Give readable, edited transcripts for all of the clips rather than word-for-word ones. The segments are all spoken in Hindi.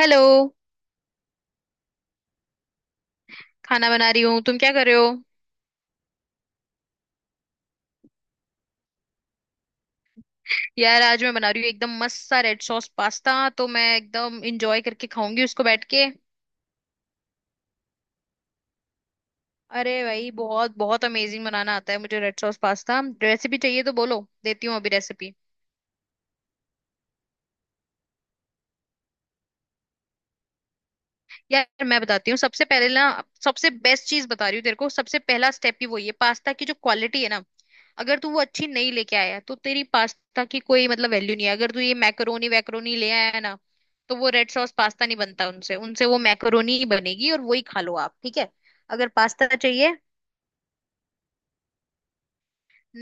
हेलो। खाना बना रही हूँ। तुम क्या कर रहे हो? यार, आज मैं बना रही हूँ एकदम मस्त सा रेड सॉस पास्ता, तो मैं एकदम इंजॉय करके खाऊंगी उसको बैठ के। अरे भाई, बहुत बहुत अमेजिंग बनाना आता है मुझे। रेड सॉस पास्ता रेसिपी चाहिए तो बोलो, देती हूँ अभी रेसिपी। यार, मैं बताती हूँ। सबसे पहले ना, सबसे बेस्ट चीज बता रही हूँ तेरे को। सबसे पहला स्टेप ही वही है, पास्ता की जो क्वालिटी है ना। अगर तू वो अच्छी नहीं लेके आया तो तेरी पास्ता की कोई मतलब वैल्यू नहीं है। अगर तू ये मैकरोनी वैकरोनी ले आया है ना, तो वो रेड सॉस पास्ता नहीं बनता उनसे उनसे वो मैकरोनी ही बनेगी और वही खा लो आप। ठीक है? अगर पास्ता चाहिए,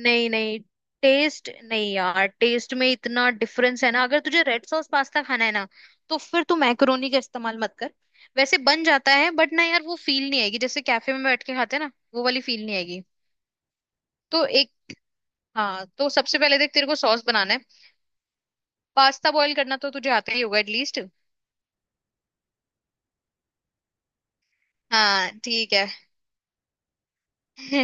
नहीं नहीं, टेस्ट नहीं यार, टेस्ट में इतना डिफरेंस है ना। अगर तुझे रेड सॉस पास्ता खाना है ना, तो फिर तू मैक्रोनी का इस्तेमाल मत कर। वैसे बन जाता है, बट ना यार वो फील नहीं आएगी, जैसे कैफे में बैठ के खाते हैं ना, वो वाली फील नहीं आएगी। तो एक हाँ, तो सबसे पहले देख, तेरे को सॉस बनाना है। पास्ता बॉईल करना तो तुझे आता ही होगा एटलीस्ट। हाँ ठीक है।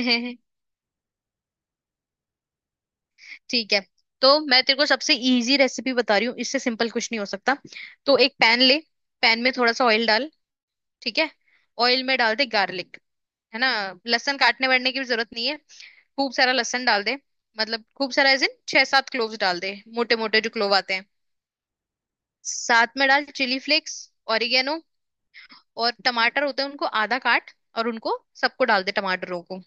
ठीक है, तो मैं तेरे को सबसे इजी रेसिपी बता रही हूँ, इससे सिंपल कुछ नहीं हो सकता। तो एक पैन ले। पैन में थोड़ा सा ऑयल डाल। ठीक है। ऑयल में डाल दे गार्लिक, है ना। लहसुन काटने वाटने की भी जरूरत नहीं है। खूब सारा लहसुन डाल दे। मतलब खूब सारा, एज इन 6-7 क्लोव्स डाल दे, मोटे मोटे जो क्लोव आते हैं। साथ में डाल चिली फ्लेक्स, ऑरिगेनो। और टमाटर होते हैं, उनको आधा काट। और उनको सबको डाल दे, टमाटरों को।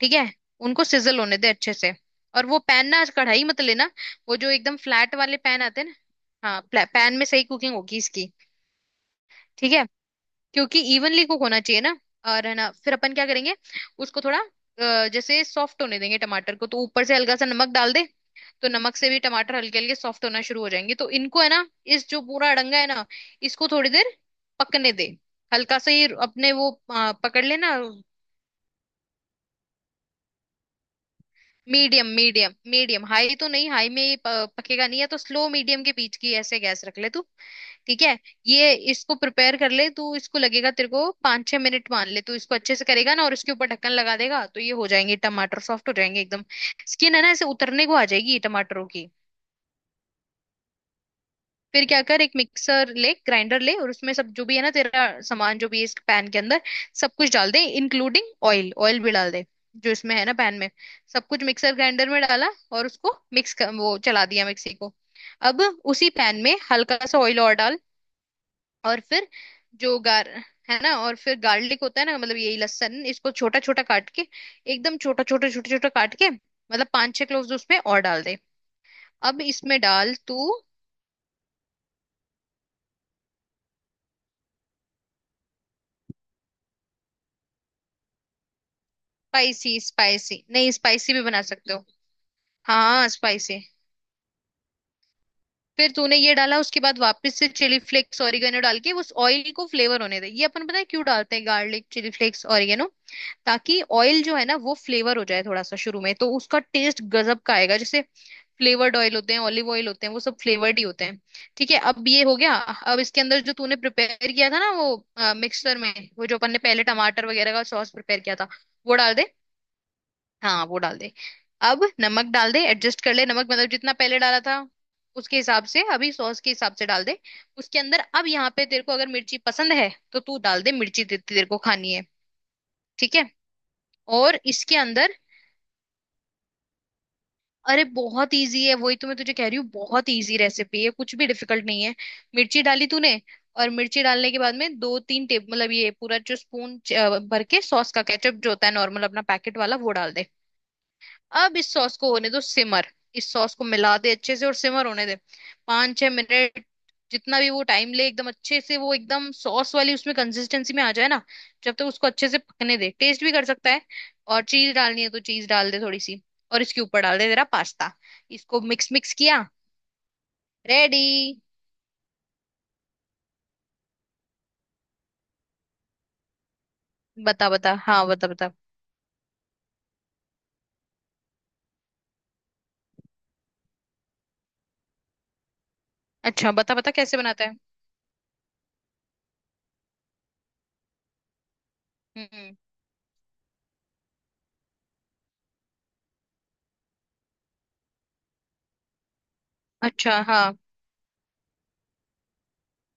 ठीक है। उनको सिजल होने दे अच्छे से। और वो पैन, ना आज कढ़ाई मत लेना। वो जो एकदम फ्लैट वाले पैन आते हैं ना, हाँ, पैन में सही कुकिंग होगी इसकी। ठीक है। क्योंकि इवनली कुक होना चाहिए ना। और है ना, फिर अपन क्या करेंगे। उसको थोड़ा जैसे सॉफ्ट होने देंगे टमाटर को, तो ऊपर से हल्का सा नमक डाल दे। तो नमक से भी टमाटर हल्के हल्के सॉफ्ट होना शुरू हो जाएंगे, तो इनको, है ना, इस जो पूरा अड़ंगा है ना, इसको थोड़ी देर पकने दे। हल्का सा ही अपने वो पकड़ लेना। Medium, medium. मीडियम हाई तो नहीं, हाई में ये पकेगा नहीं है, तो स्लो मीडियम के बीच की ऐसे गैस रख ले तू। ठीक है। ये इसको प्रिपेयर कर ले तू। इसको लगेगा तेरे को 5-6 मिनट, मान ले। तू इसको अच्छे से करेगा ना और इसके ऊपर ढक्कन लगा देगा, तो ये हो जाएंगे टमाटर, सॉफ्ट हो जाएंगे एकदम। स्किन है ना, ऐसे उतरने को आ जाएगी टमाटरों की। फिर क्या कर, एक मिक्सर ले, ग्राइंडर ले और उसमें सब जो भी है ना तेरा सामान, जो भी है इस पैन के अंदर, सब कुछ डाल दे इंक्लूडिंग ऑयल। ऑयल भी डाल दे जो इसमें है ना पैन में, सब कुछ मिक्सर ग्राइंडर में डाला और उसको मिक्स कर, वो चला दिया मिक्सी को। अब, उसी पैन में हल्का सा ऑयल और डाल। और फिर जो गार है ना, और फिर गार्लिक होता है ना, मतलब यही लहसुन, इसको छोटा छोटा काट के, एकदम छोटा छोटा छोटा छोटा काट के, मतलब 5-6 क्लोव्स उसमें और डाल दे। अब इसमें डाल तू। स्पाइसी? स्पाइसी नहीं, स्पाइसी भी बना सकते हो। हाँ स्पाइसी। फिर तूने ये डाला, उसके बाद वापस से चिली फ्लेक्स, ऑरिगेनो डाल के उस ऑयल को फ्लेवर होने दे। ये अपन पता है क्यों डालते हैं गार्लिक, चिली फ्लेक्स, ऑरिगेनो, ताकि ऑयल जो है ना, वो फ्लेवर हो जाए थोड़ा सा शुरू में, तो उसका टेस्ट गजब का आएगा। जैसे, फ्लेवर्ड ऑयल होते हैं, ऑलिव ऑयल होते हैं, वो सब फ्लेवर्ड ही होते हैं। ठीक है, अब ये हो गया। अब इसके अंदर जो तूने प्रिपेयर किया था ना वो मिक्सर में, वो जो अपन ने पहले टमाटर वगैरह का सॉस प्रिपेयर किया था, वो डाल दे। हाँ वो डाल दे। अब नमक डाल दे, एडजस्ट कर ले नमक, मतलब जितना पहले डाला था, उसके हिसाब से अभी सॉस के हिसाब से डाल दे उसके अंदर। अब यहाँ पे तेरे को अगर मिर्ची पसंद है तो तू डाल दे मिर्ची, जितनी तेरे को खानी है। ठीक है। और इसके अंदर, अरे बहुत इजी है, वही तो मैं तुझे कह रही हूँ, बहुत इजी रेसिपी है, कुछ भी डिफिकल्ट नहीं है। मिर्ची डाली तूने। और मिर्ची डालने के बाद में 2-3 टेबल, मतलब ये पूरा जो स्पून भर के, सॉस का, केचप जो होता है नॉर्मल अपना पैकेट वाला, वो डाल दे। अब इस सॉस को होने दो सिमर। इस सॉस को मिला दे अच्छे से और सिमर होने दे 5-6 मिनट, जितना भी वो टाइम ले, एकदम अच्छे से, वो एकदम सॉस वाली उसमें कंसिस्टेंसी में आ जाए ना। जब तक उसको अच्छे से पकने दे, टेस्ट भी कर सकता है। और चीज डालनी है तो चीज डाल दे थोड़ी सी। और इसके ऊपर डाल दे तेरा पास्ता। इसको मिक्स मिक्स किया। रेडी। बता बता, हाँ बता बता। अच्छा बता बता कैसे बनाता है। हम्म। अच्छा। हाँ,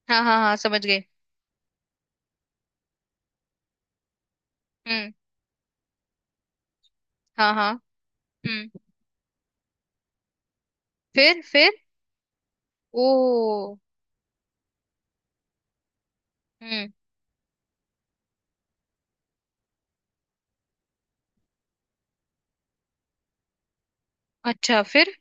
हाँ, हाँ, हाँ, समझ गए। हम्म। हाँ, हाँ। हम्म। फिर? फिर? ओ। हम्म। अच्छा। फिर?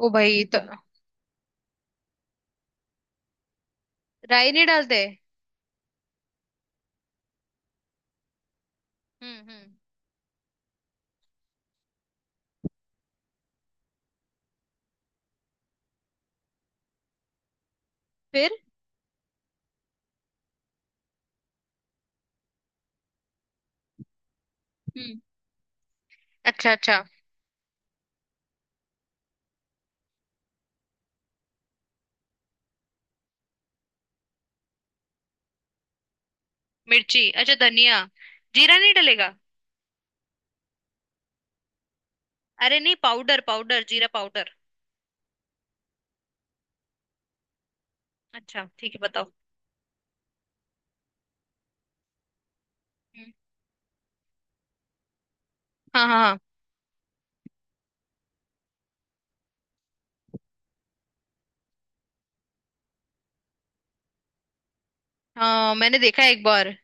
ओ भाई, तो राई नहीं डालते? हम्म, हम्म। फिर? हम्म। अच्छा, अच्छा। मिर्ची। अच्छा, धनिया, जीरा नहीं डलेगा? अरे नहीं, पाउडर पाउडर, जीरा पाउडर। अच्छा ठीक है, बताओ। हम्म। हाँ, हाँ, हाँ, हाँ, मैंने देखा है एक बार।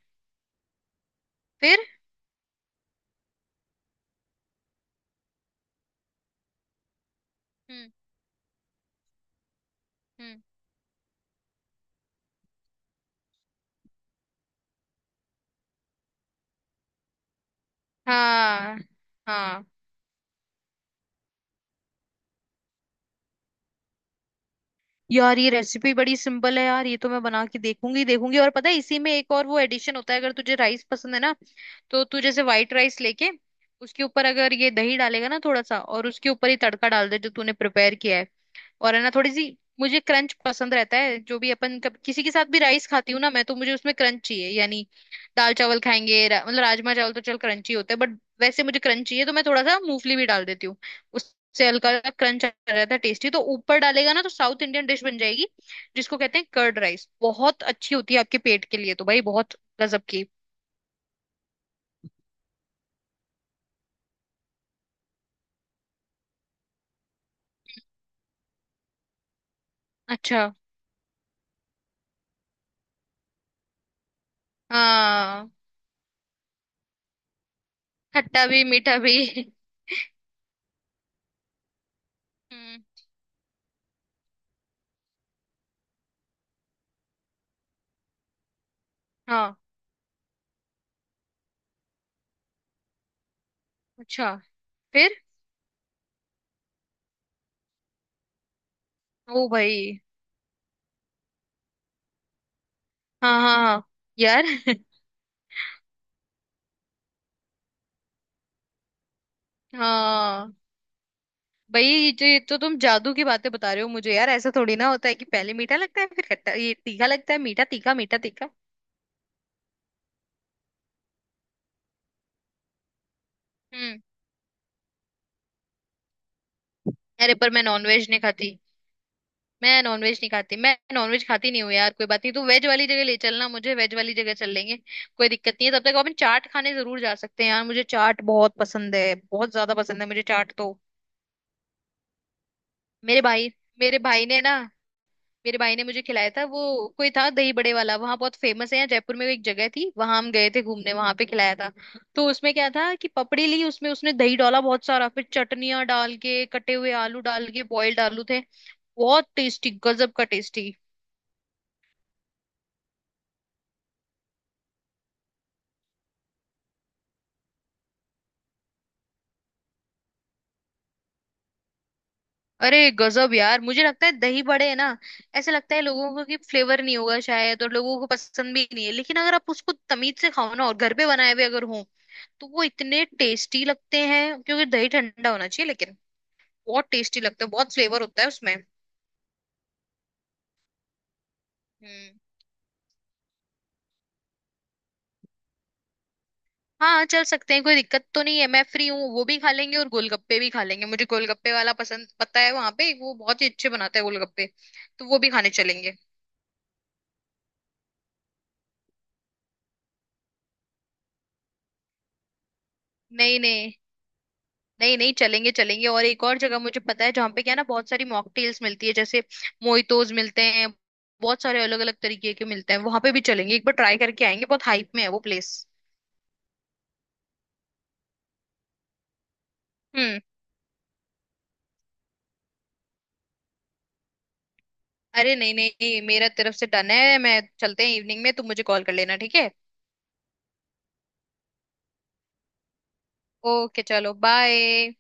फिर? हम्म, हम्म। हाँ, हाँ। यार ये रेसिपी बड़ी सिंपल है यार, ये तो मैं बना के देखूंगी देखूंगी। और पता है, इसी में एक और वो एडिशन होता है, अगर तुझे राइस पसंद है ना, तो तू जैसे व्हाइट राइस लेके, उसके ऊपर अगर ये दही डालेगा ना थोड़ा सा, और उसके ऊपर ही तड़का डाल दे जो तूने प्रिपेयर किया है। और है ना, थोड़ी सी, मुझे क्रंच पसंद रहता है। जो भी अपन किसी के साथ भी राइस खाती हूँ ना मैं, तो मुझे उसमें क्रंच चाहिए यानी, दाल चावल खाएंगे मतलब राजमा चावल तो चल क्रंची होता है, बट वैसे मुझे क्रंच चाहिए, तो मैं थोड़ा सा मूंगफली भी डाल देती हूँ। उससे हल्का सा क्रंच आ जाता है। टेस्टी तो ऊपर डालेगा ना, तो साउथ इंडियन डिश बन जाएगी, जिसको कहते हैं कर्ड राइस। बहुत अच्छी होती है आपके पेट के लिए तो भाई, बहुत गजब की। अच्छा। हाँ खट्टा भी मीठा भी। हम्म। हाँ। अच्छा। फिर? ओ भाई। हाँ, हाँ, हाँ यार। हाँ। भाई, ये तो तुम जादू की बातें बता रहे हो मुझे, यार ऐसा थोड़ी ना होता है कि पहले मीठा लगता है फिर खट्टा ये तीखा लगता है, मीठा तीखा मीठा तीखा। हम्म। अरे पर मैं नॉनवेज नहीं खाती। मैं नॉनवेज नहीं खाती, मैं नॉनवेज खाती नहीं हूँ यार। कोई बात नहीं, तू वेज वाली जगह ले चलना मुझे, वेज वाली जगह चल लेंगे। कोई दिक्कत नहीं है। तब तक अपन चाट खाने जरूर जा सकते हैं, यार मुझे चाट बहुत पसंद है, बहुत ज्यादा पसंद है मुझे चाट तो। मेरे भाई मेरे भाई ने ना, मेरे भाई ने मुझे खिलाया था वो। कोई था दही बड़े वाला, वहां बहुत फेमस है, यहाँ जयपुर में वो एक जगह थी, वहां हम गए थे घूमने, वहां पे खिलाया था। तो उसमें क्या था कि पपड़ी ली, उसमें उसने दही डाला बहुत सारा, फिर चटनियां डाल के, कटे हुए आलू डाल के, बॉइल्ड आलू थे। बहुत टेस्टी, गजब का टेस्टी। अरे गजब यार। मुझे लगता है दही बड़े है ना, ऐसे लगता है लोगों को कि फ्लेवर नहीं होगा शायद, और लोगों को पसंद भी नहीं है, लेकिन अगर आप उसको तमीज से खाओ ना, और घर पे बनाए हुए अगर हो, तो वो इतने टेस्टी लगते हैं। क्योंकि दही ठंडा होना चाहिए, लेकिन बहुत टेस्टी लगता है, बहुत फ्लेवर होता है उसमें। हम्म। हाँ चल सकते हैं, कोई दिक्कत तो नहीं है, मैं फ्री हूँ। वो भी खा लेंगे और गोलगप्पे भी खा लेंगे, मुझे गोलगप्पे वाला पसंद, पता है वहां पे वो बहुत ही अच्छे बनाता है गोलगप्पे, तो वो भी खाने चलेंगे। नहीं नहीं, नहीं नहीं, चलेंगे चलेंगे। और एक और जगह मुझे पता है, जहाँ पे क्या है ना बहुत सारी मॉकटेल्स मिलती है, जैसे मोइतोज मिलते हैं। बहुत सारे अलग अलग तरीके के मिलते हैं वहां पे भी, चलेंगे एक बार ट्राई करके आएंगे, बहुत हाइप में है वो प्लेस। हम्म। अरे नहीं नहीं नहीं, मेरा तरफ से डन है। मैं चलते हैं, इवनिंग में तुम मुझे कॉल कर लेना, ठीक है। ओके चलो, बाय।